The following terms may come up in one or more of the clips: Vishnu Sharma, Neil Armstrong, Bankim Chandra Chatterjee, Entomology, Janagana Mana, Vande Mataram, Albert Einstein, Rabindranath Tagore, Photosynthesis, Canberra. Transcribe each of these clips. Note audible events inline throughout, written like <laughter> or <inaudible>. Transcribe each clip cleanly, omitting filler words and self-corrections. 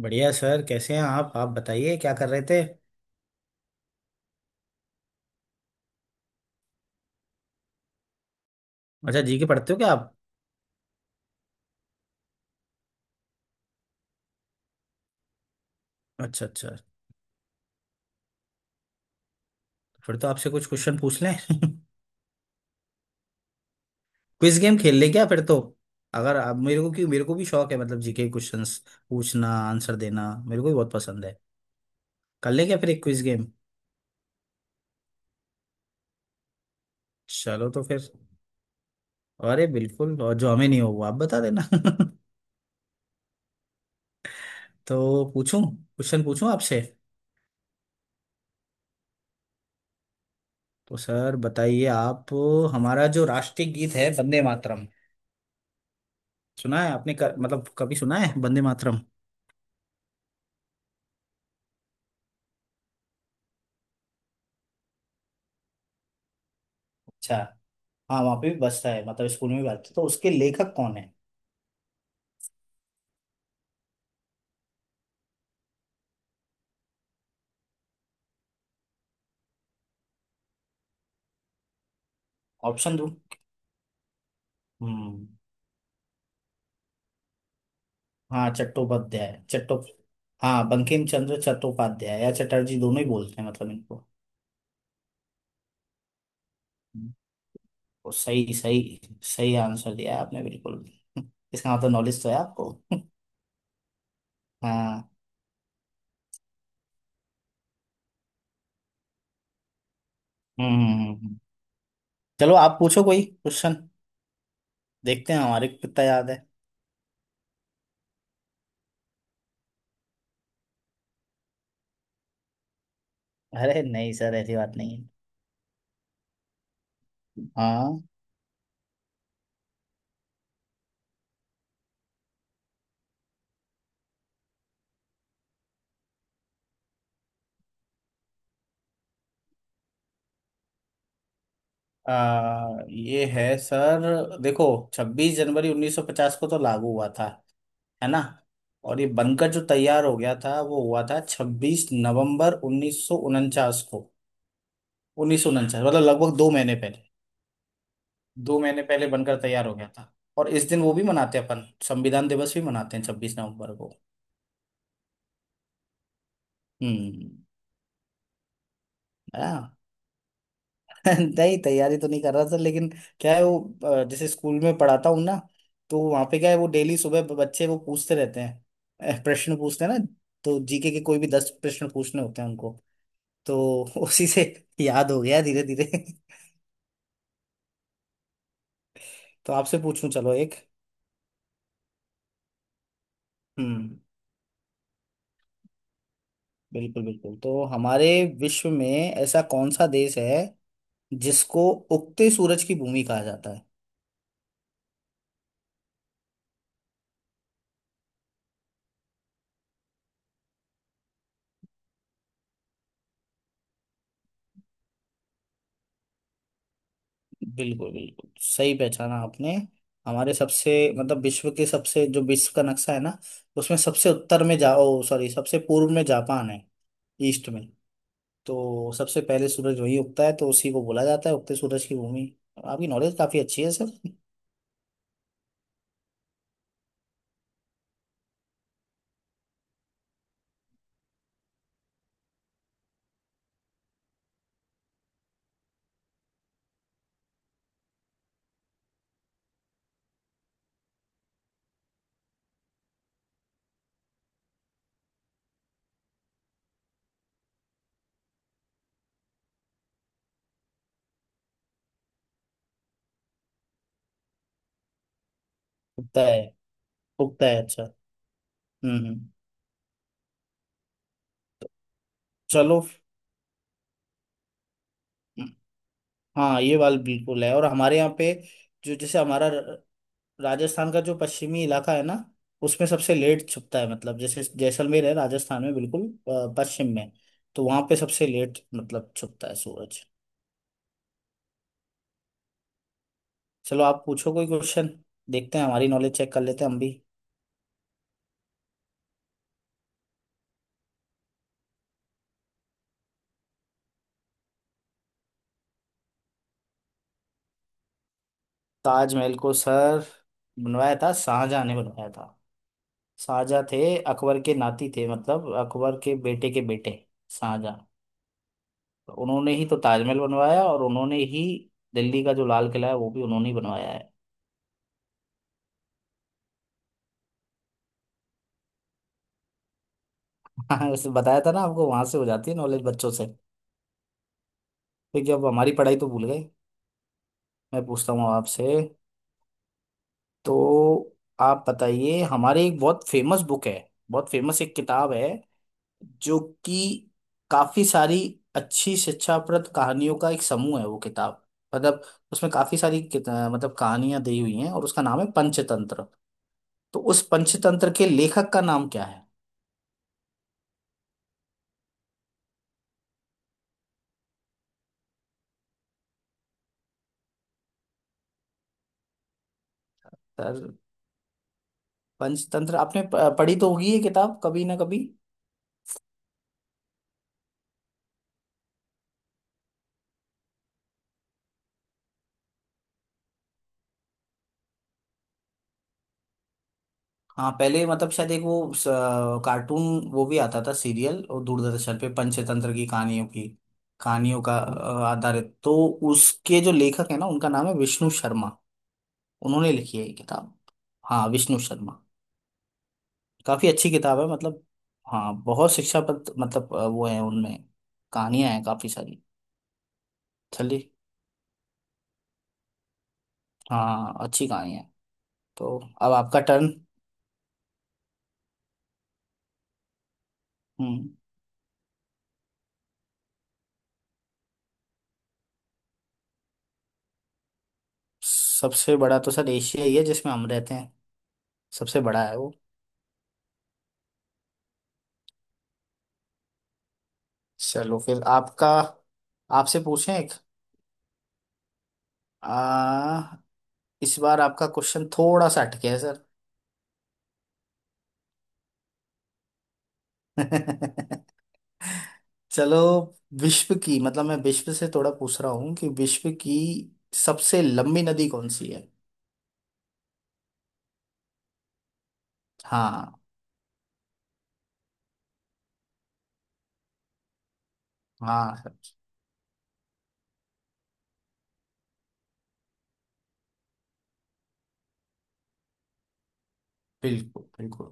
बढ़िया सर, कैसे हैं आप बताइए, क्या कर रहे थे? अच्छा, जी के पढ़ते हो क्या आप? अच्छा, अच्छा। फिर तो आपसे कुछ क्वेश्चन पूछ लें। <laughs> क्विज गेम खेल लें क्या फिर तो? अगर आप मेरे को क्यों मेरे को भी शौक है, मतलब जीके क्वेश्चंस पूछना, आंसर देना मेरे को भी बहुत पसंद है। कर लें क्या फिर एक क्विज गेम? चलो तो फिर। अरे बिल्कुल, और जो हमें नहीं हो वो आप बता देना। <laughs> तो पूछूं, क्वेश्चन पूछूं आपसे। तो सर बताइए आप। हमारा जो राष्ट्रीय गीत है, वंदे मातरम। सुना है आपने मतलब कभी सुना है वंदे मातरम? अच्छा। हाँ, वहाँ पे भी बसता है, मतलब स्कूल में भी बसता है। तो उसके लेखक कौन है? ऑप्शन दूँ? हम्म। हाँ, चट्टोपाध्याय, चट्टो। हाँ, बंकिम चंद्र चट्टोपाध्याय या चटर्जी दोनों ही बोलते हैं, मतलब इनको। हम्म। तो सही, सही, सही आंसर दिया है आपने, बिल्कुल। इसका मतलब नॉलेज तो है आपको। हाँ। हम्म, हम्म। चलो आप पूछो कोई क्वेश्चन। देखते हैं हमारे को कितना याद है। अरे नहीं सर, ऐसी बात नहीं है। हाँ। ये है सर, देखो। 26 जनवरी 1950 को तो लागू हुआ था, है ना? और ये बनकर जो तैयार हो गया था वो हुआ था 26 नवंबर 1949 को। 1949, मतलब लगभग 2 महीने पहले। दो महीने पहले बनकर तैयार हो गया था। और इस दिन वो भी मनाते हैं, अपन संविधान दिवस भी मनाते हैं 26 नवंबर को। हम्म। हाँ। <laughs> नहीं, तैयारी तो नहीं कर रहा था, लेकिन क्या है वो, जैसे स्कूल में पढ़ाता हूँ ना, तो वहाँ पे क्या है वो, डेली सुबह बच्चे वो पूछते रहते हैं। प्रश्न पूछते हैं ना, तो जीके के कोई भी 10 प्रश्न पूछने होते हैं। तो <laughs> उसी से याद हो गया धीरे धीरे। तो आपसे पूछूं, चलो एक। हम्म, बिल्कुल बिल्कुल, तो हमारे विश्व में ऐसा कौन सा देश है जिसको उगते सूरज की भूमि कहा जाता है? बिल्कुल बिल्कुल सही पहचाना आपने। हमारे सबसे, मतलब विश्व के सबसे, जो विश्व का नक्शा है ना, उसमें सबसे उत्तर में जा, ओ सॉरी, सबसे पूर्व में जापान है, ईस्ट में। तो सबसे पहले सूरज वही उगता है, तो उसी को बोला जाता है उगते सूरज की भूमि। आपकी नॉलेज काफी अच्छी है सर। उगता है। उगता है, अच्छा। हम्म, चलो। हम्म। हाँ, ये वाल बिल्कुल है, और हमारे यहाँ पे जो जैसे हमारा राजस्थान का जो पश्चिमी इलाका है ना, उसमें सबसे लेट छुपता है, मतलब जैसे जैसलमेर है राजस्थान में, बिल्कुल। पश्चिम में, तो वहां पे सबसे लेट मतलब छुपता है सूरज। चलो आप पूछो कोई क्वेश्चन। देखते हैं, हमारी नॉलेज चेक कर लेते हैं हम भी। ताजमहल को सर बनवाया था, शाहजहां ने बनवाया था। शाहजहां थे अकबर के नाती, थे मतलब अकबर के बेटे के बेटे, शाहजहां। तो उन्होंने ही तो ताजमहल बनवाया, और उन्होंने ही दिल्ली का जो लाल किला है वो भी उन्होंने ही बनवाया है। <laughs> हाँ, वैसे बताया था ना आपको, वहां से हो जाती है नॉलेज बच्चों से। फिर जब हमारी पढ़ाई तो भूल गए। मैं पूछता हूँ आपसे। तो आप बताइए, हमारी एक बहुत फेमस बुक है, बहुत फेमस एक किताब है, जो कि काफी सारी अच्छी शिक्षाप्रद कहानियों का एक समूह है, वो किताब, मतलब उसमें काफी सारी मतलब कहानियां दी हुई हैं, और उसका नाम है पंचतंत्र। तो उस पंचतंत्र के लेखक का नाम क्या है? सर, पंचतंत्र आपने पढ़ी तो होगी ये किताब, कभी ना कभी। हाँ, पहले मतलब शायद एक वो कार्टून वो भी आता था, सीरियल और दूरदर्शन पे पंचतंत्र की कहानियों की, कहानियों का आधारित तो, उसके जो लेखक है ना, उनका नाम है विष्णु शर्मा। उन्होंने लिखी है ये किताब। हाँ, विष्णु शर्मा। काफी अच्छी किताब है, मतलब, हाँ, बहुत शिक्षाप्रद, मतलब वो है उनमें, कहानियां हैं काफी सारी। चलिए। हाँ, अच्छी कहानी है। तो अब आपका टर्न। हम्म। सबसे बड़ा तो सर एशिया ही है, जिसमें हम रहते हैं। सबसे बड़ा है वो। चलो फिर आपका। आपसे पूछें एक। आ, इस बार आपका क्वेश्चन थोड़ा सा अटके है सर। <laughs> चलो, विश्व की, मतलब मैं विश्व से थोड़ा पूछ रहा हूँ, कि विश्व की सबसे लंबी नदी कौन सी है? हाँ। हाँ सर। बिल्कुल बिल्कुल।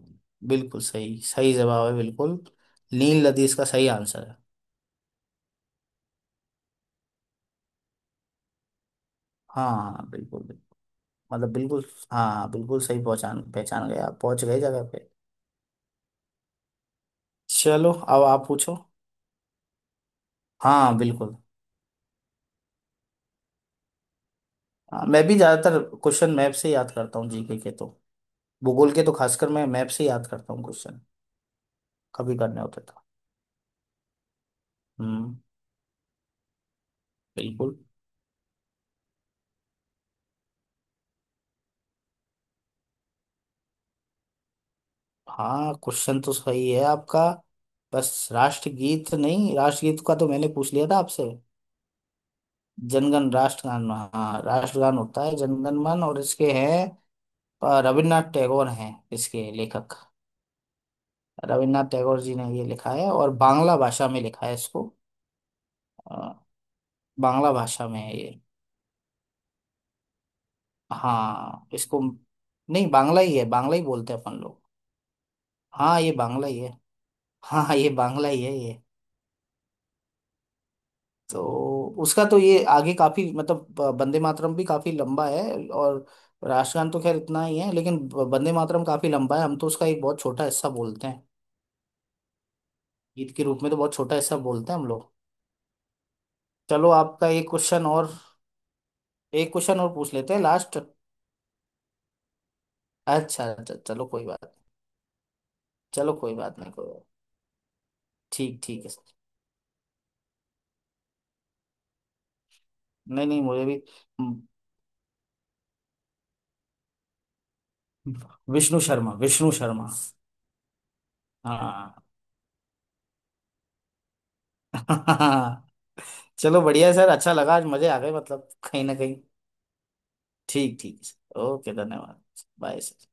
बिल्कुल सही सही जवाब है, बिल्कुल। नील नदी इसका सही आंसर है। हाँ हाँ, बिल्कुल बिल्कुल। मतलब बिल्कुल। हाँ, बिल्कुल सही, पहचान पहचान गए आप, पहुंच गए जगह पे। चलो अब आप पूछो। हाँ बिल्कुल। हाँ, मैं भी ज्यादातर क्वेश्चन मैप से याद करता हूँ जीके के तो। भूगोल के तो खासकर मैं मैप से याद करता हूँ क्वेश्चन। कभी करने होते तो। हम्म। बिल्कुल। हाँ, क्वेश्चन तो सही है आपका। बस राष्ट्रगीत नहीं, राष्ट्रगीत का तो मैंने पूछ लिया था आपसे। जनगण, राष्ट्रगान, हाँ राष्ट्रगान होता है जनगण मन, और इसके हैं रविन्द्रनाथ टैगोर हैं इसके लेखक। रविन्द्रनाथ टैगोर जी ने ये लिखा है, और बांग्ला भाषा में लिखा है इसको। अ, बांग्ला भाषा में है ये। हाँ, इसको। नहीं, बांग्ला ही है, बांग्ला ही बोलते हैं अपन लोग। हाँ, ये बांग्ला ही है। हाँ हाँ, ये बांग्ला ही है ये। तो उसका तो ये आगे काफी, मतलब वंदे मातरम भी काफी लंबा है। और राष्ट्रगान तो खैर इतना ही है, लेकिन वंदे मातरम काफी लंबा है, हम तो उसका एक बहुत छोटा हिस्सा बोलते हैं। गीत के रूप में तो बहुत छोटा हिस्सा बोलते हैं हम लोग। चलो आपका एक क्वेश्चन और, एक क्वेश्चन और पूछ लेते हैं लास्ट। अच्छा अच्छा, चलो कोई बात। चलो कोई बात नहीं, कोई बात। ठीक ठीक है सर। नहीं नहीं, मुझे भी। हम्म। विष्णु शर्मा, विष्णु शर्मा। हाँ। <laughs> चलो बढ़िया है सर, अच्छा लगा आज, मजे आ गए मतलब कहीं ना कहीं। ठीक ठीक है सर, ओके, धन्यवाद। Bye sir.